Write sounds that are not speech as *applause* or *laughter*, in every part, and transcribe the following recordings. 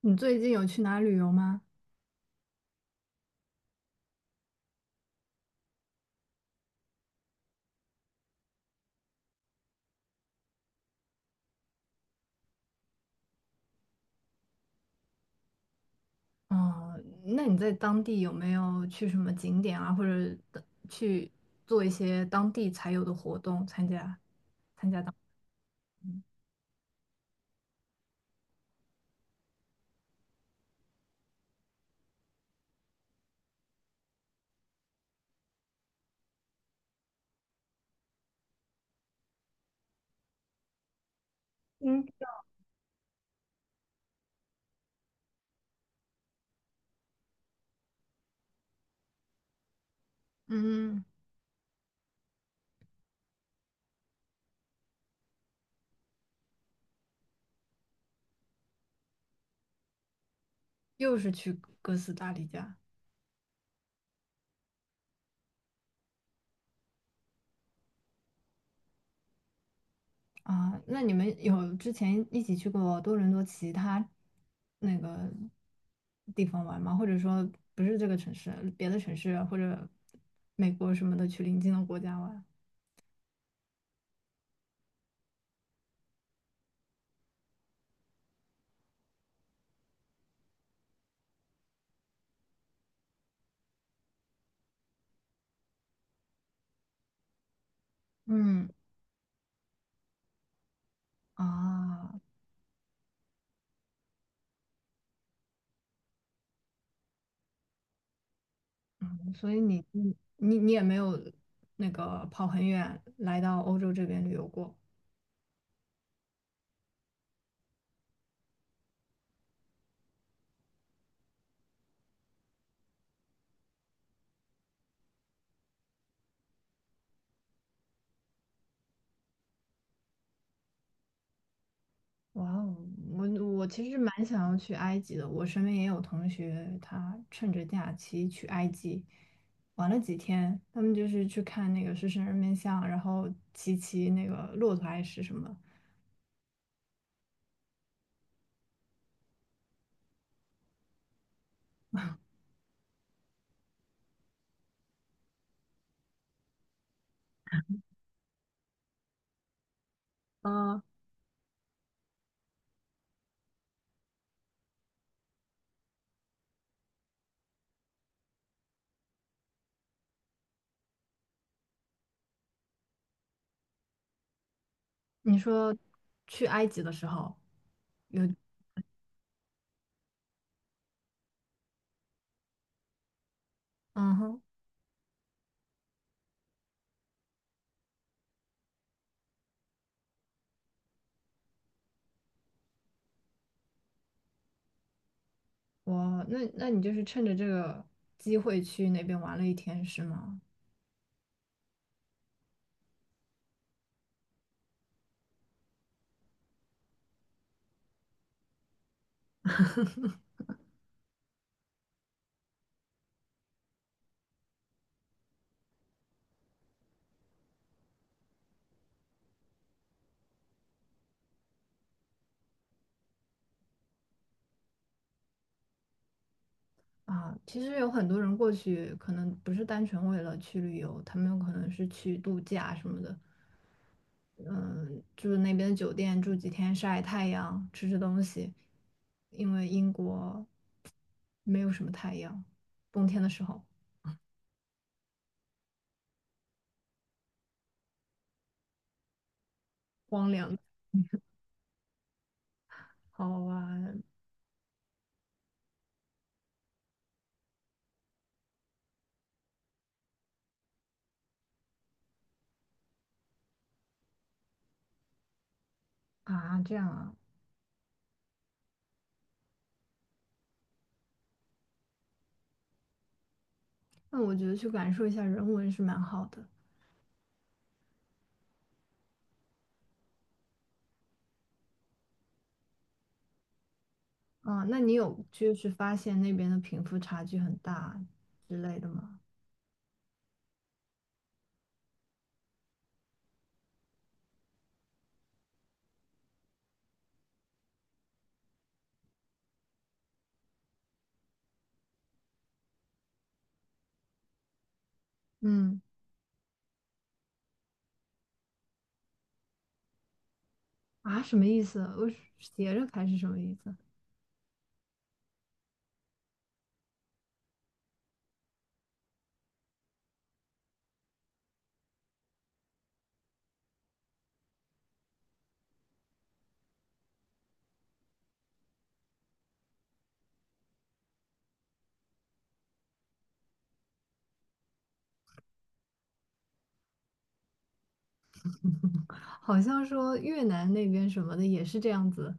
你最近有去哪旅游吗？哦，那你在当地有没有去什么景点啊，或者的去做一些当地才有的活动，参加？嗯，嗯，又是去哥斯达黎加啊？那你们有之前一起去过多伦多其他那个地方玩吗？或者说不是这个城市，别的城市或者美国什么的去邻近的国家玩？嗯啊，所以你也没有那个跑很远来到欧洲这边旅游过。哇哦，我我其实蛮想要去埃及的，我身边也有同学，他趁着假期去埃及玩了几天，他们就是去看那个狮身人面像，然后骑那个骆驼还是什么。啊，你说去埃及的时候有，嗯哼，那你就是趁着这个机会去那边玩了一天是吗？啊，其实有很多人过去，可能不是单纯为了去旅游，他们有可能是去度假什么的。嗯，住那边的酒店住几天，晒太阳，吃吃东西，因为英国没有什么太阳，冬天的时候荒凉，好玩啊，这样啊，那我觉得去感受一下人文是蛮好的啊。那你有就是发现那边的贫富差距很大之类的吗？嗯。啊，什么意思？我是斜着开是什么意思？好像说越南那边什么的也是这样子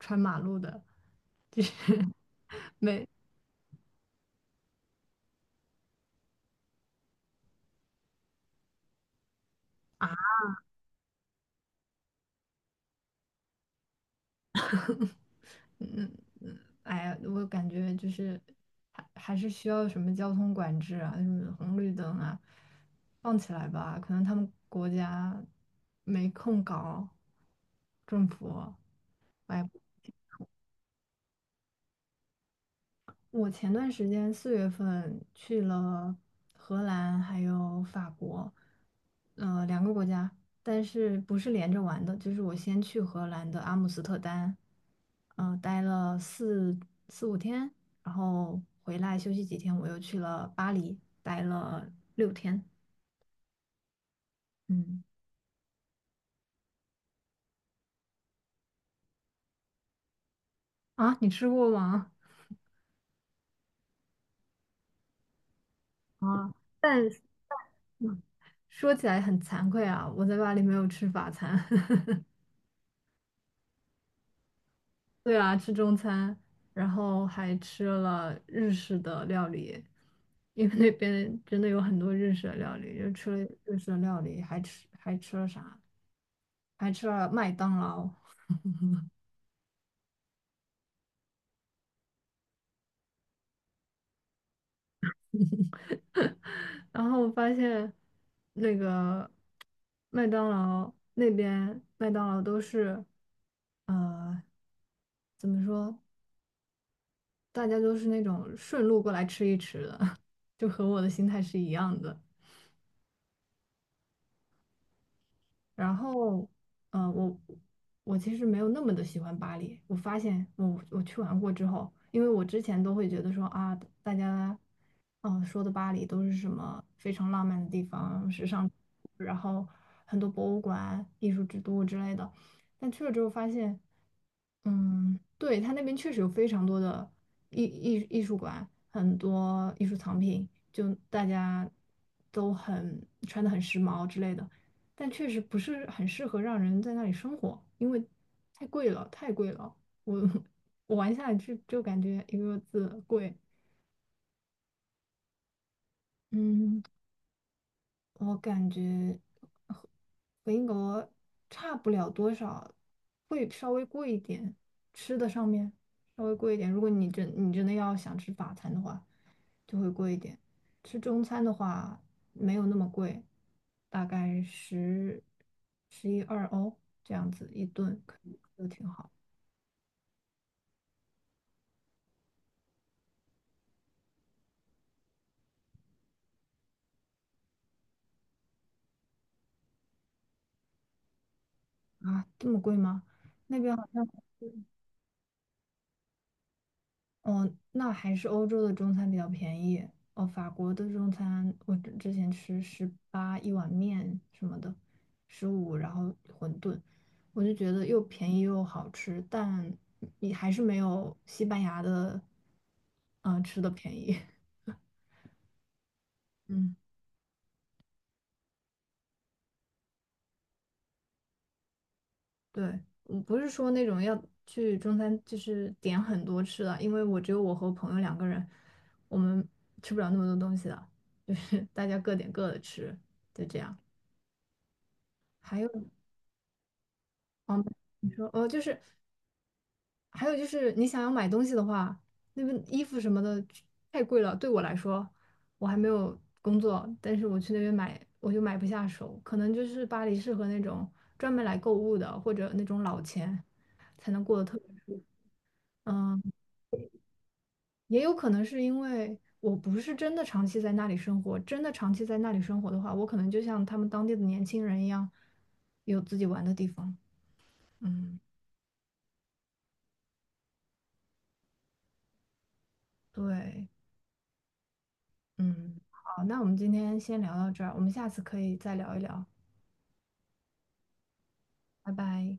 穿马路的，就是 *laughs* 没啊，嗯嗯，哎呀，我感觉就是还是需要什么交通管制啊，什么红绿灯啊，放起来吧，可能他们国家没空搞，政府哎。我前段时间4月份去了荷兰还有法国，呃，两个国家，但是不是连着玩的，就是我先去荷兰的阿姆斯特丹，待了四五天，然后回来休息几天，我又去了巴黎，待了6天。嗯，啊，你吃过吗？啊，但是，说起来很惭愧啊，我在巴黎没有吃法餐。*laughs* 对啊，吃中餐，然后还吃了日式的料理，因为那边真的有很多日式的料理，就吃了日式的料理，还吃了啥？还吃了麦当劳。然后我发现那个麦当劳那边麦当劳都是，呃，怎么说？大家都是那种顺路过来吃一吃的，*laughs* 就和我的心态是一样的。然后，呃，我我其实没有那么的喜欢巴黎。我发现我去玩过之后，因为我之前都会觉得说啊，大家说的巴黎都是什么非常浪漫的地方、时尚，然后很多博物馆、艺术之都之类的。但去了之后发现，嗯，对，它那边确实有非常多的艺术馆，很多艺术藏品，就大家都很穿的很时髦之类的，但确实不是很适合让人在那里生活，因为太贵了，太贵了。我 *laughs* 我玩下来就感觉一个字贵。嗯，我感觉和和英国差不了多少，会稍微贵一点，吃的上面稍微贵一点。如果你真的要想吃法餐的话，就会贵一点。吃中餐的话没有那么贵，大概十一二欧这样子一顿，可以都挺好啊。这么贵吗？那边好像。哦，那还是欧洲的中餐比较便宜。哦，法国的中餐，我之前吃18一碗面什么的，15，然后馄饨，我就觉得又便宜又好吃，但你还是没有西班牙的，嗯、吃的便宜。*laughs* 嗯，对，我不是说那种要去中餐，就是点很多吃的，因为我只有我和朋友两个人，我们吃不了那么多东西的，就是大家各点各的吃，就这样。还有。哦，你说，就是还有就是你想要买东西的话，那边衣服什么的太贵了。对我来说，我还没有工作，但是我去那边买，我就买不下手。可能就是巴黎适合那种专门来购物的，或者那种老钱才能过得特别。嗯，也有可能是因为我不是真的长期在那里生活，真的长期在那里生活的话，我可能就像他们当地的年轻人一样，有自己玩的地方。嗯，对。嗯，好，那我们今天先聊到这儿，我们下次可以再聊一聊，拜拜。